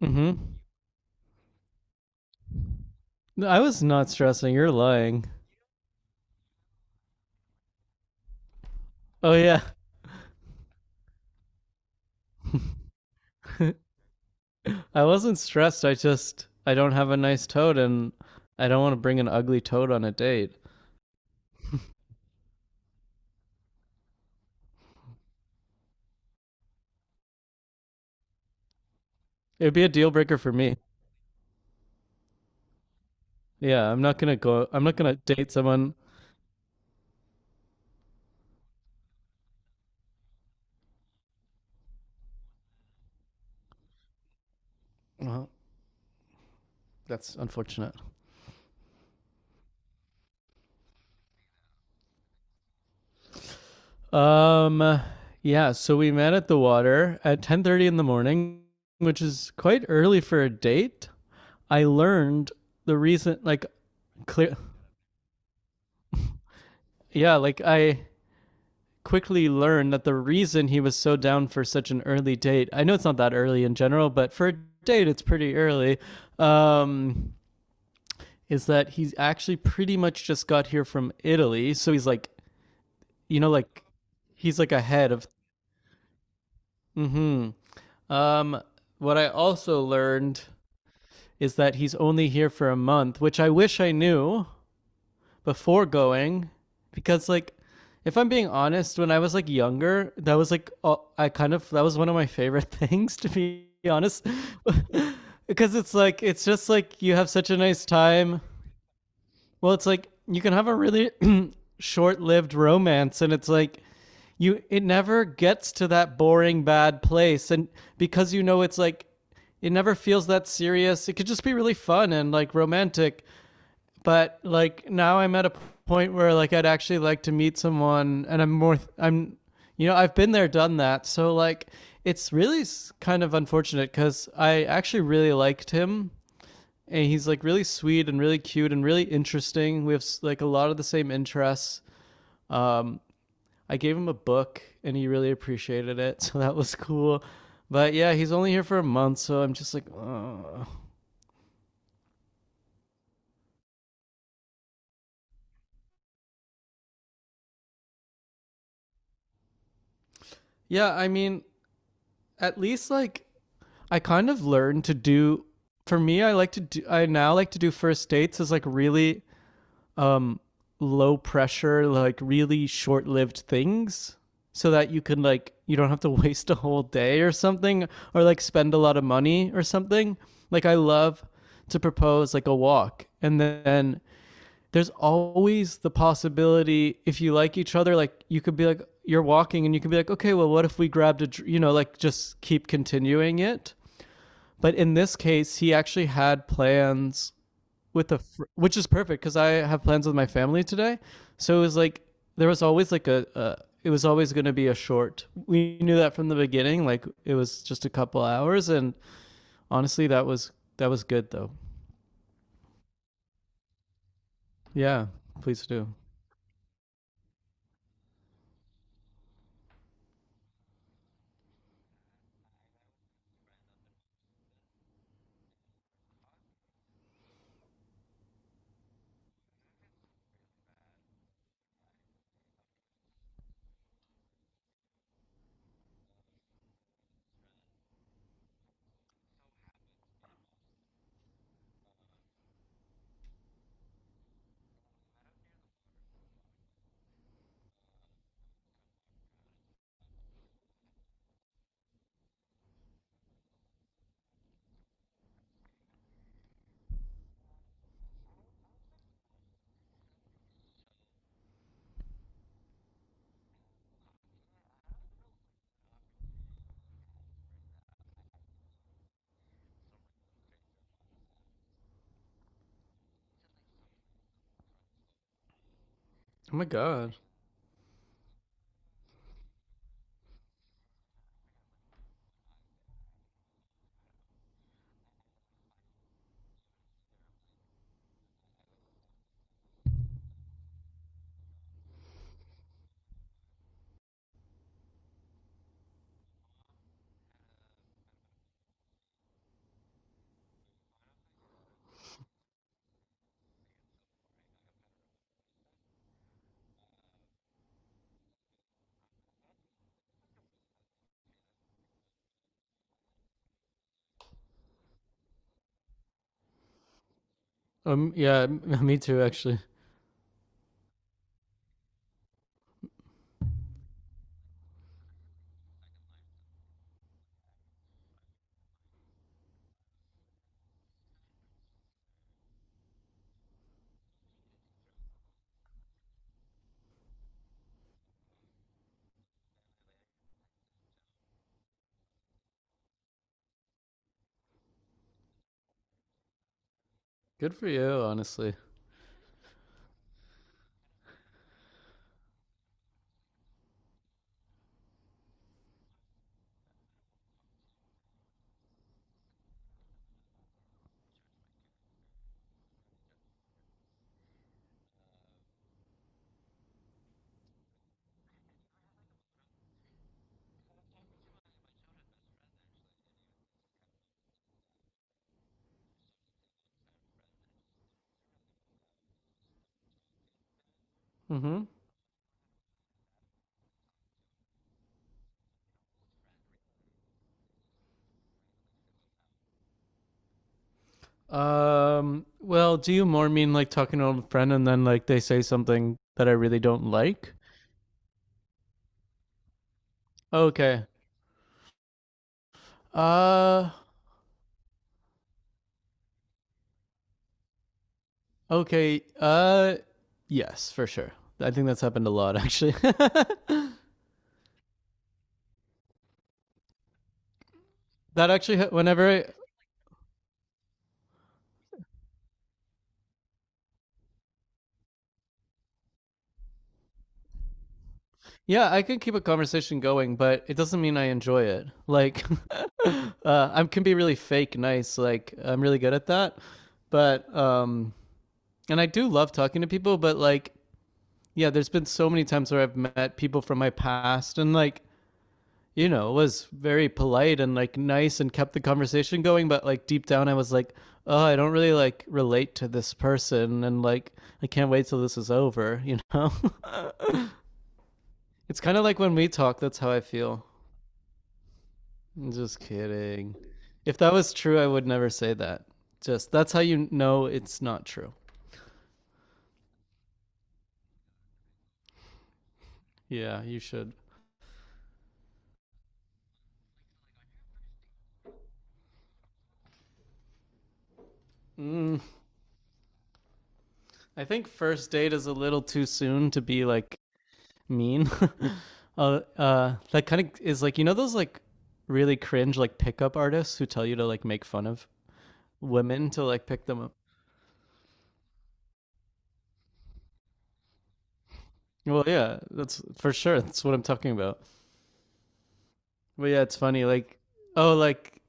Mm-hmm. No, I was not stressing. You're lying. Oh yeah, I wasn't stressed. I just I don't have a nice toad, and I don't want to bring an ugly toad on a date. It'd be a deal breaker for me. Yeah, I'm not gonna go. I'm not gonna date someone. Well, that's unfortunate. Um, yeah. So we met at the water at 10:30 in the morning, which is quite early for a date. I learned the reason, like, clear. Yeah, like I quickly learn that the reason he was so down for such an early date, I know it's not that early in general, but for a date it's pretty early, um, is that he's actually pretty much just got here from Italy. So he's like, you know, like he's like ahead of. Mm-hmm. um, what I also learned is that he's only here for a month, which I wish I knew before going, because like, if I'm being honest, when I was like younger, that was like I kind of that was one of my favorite things, to be honest, because it's like, it's just like you have such a nice time. Well, it's like you can have a really short-lived romance, and it's like you, it never gets to that boring bad place, and because you know it's like it never feels that serious. It could just be really fun and like romantic, but like now I'm at a point where like I'd actually like to meet someone, and I'm more I'm, you know, I've been there, done that. So like, it's really kind of unfortunate, because I actually really liked him, and he's like really sweet and really cute and really interesting. We have like a lot of the same interests. Um, I gave him a book, and he really appreciated it, so that was cool. But yeah, he's only here for a month, so I'm just like, oh. Yeah. I mean, at least like, I kind of learned to do, for me I like to do, I now like to do first dates as like really um low pressure, like really short-lived things, so that you can like, you don't have to waste a whole day or something, or like spend a lot of money or something. Like I love to propose like a walk, and then there's always the possibility if you like each other, like you could be like, you're walking and you can be like, okay, well what if we grabbed a, you know, like just keep continuing it. But in this case, he actually had plans with a, which is perfect because I have plans with my family today. So it was like there was always like a it was always going to be a short. We knew that from the beginning. Like it was just a couple hours, and honestly, that was good though. Yeah, please do. Oh my god. Yeah. Me too. Actually. Good for you. Honestly. Mm-hmm. Well, do you more mean like talking to an old friend and then like they say something that I really don't like? Okay. Uh, okay. Uh, yes, for sure. I think that's happened a lot actually. Whenever I, yeah, I can keep a conversation going, but it doesn't mean I enjoy it. Like, I can be really fake nice, like I'm really good at that. But and I do love talking to people, but like, yeah, there's been so many times where I've met people from my past and like, you know, was very polite and like nice and kept the conversation going. But like deep down, I was like, oh, I don't really like relate to this person. And like, I can't wait till this is over, you know? It's kind of like when we talk, that's how I feel. I'm just kidding. If that was true, I would never say that. Just that's how you know it's not true. Yeah, you should. Mm, I think first date is a little too soon to be like mean. That kind of is like, you know those like really cringe like pickup artists who tell you to like make fun of women to like pick them up. Well, yeah, that's for sure. That's what I'm talking about. But yeah, it's funny. Like, oh, like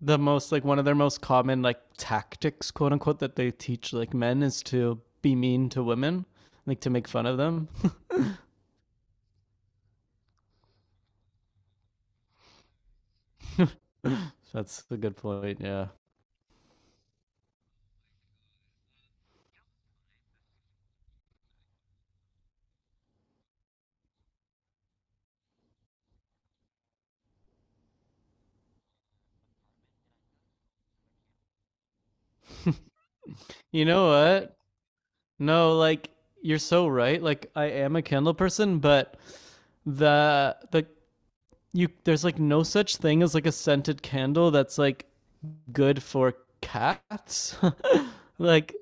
the most like one of their most common like tactics, quote unquote, that they teach like men is to be mean to women, like to make fun of them. That's a good point. Yeah. You know what? No, like, you're so right. Like I am a Kindle person, but the you, there's like no such thing as like a scented candle that's like good for cats. Like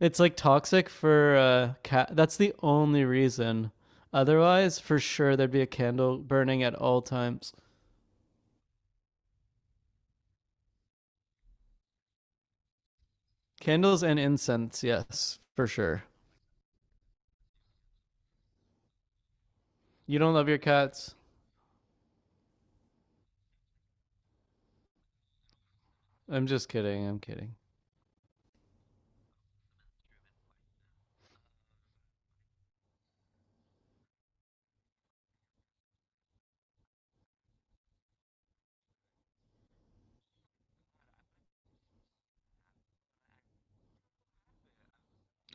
it's like toxic for cat. That's the only reason. Otherwise, for sure there'd be a candle burning at all times. Candles and incense, yes, for sure. You don't love your cats? I'm just kidding. I'm kidding.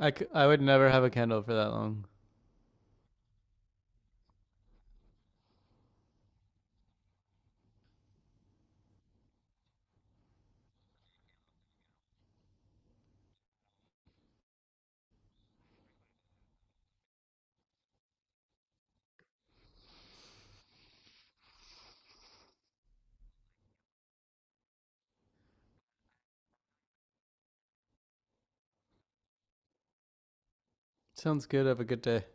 I would never have a candle for that long. Sounds good. Have a good day.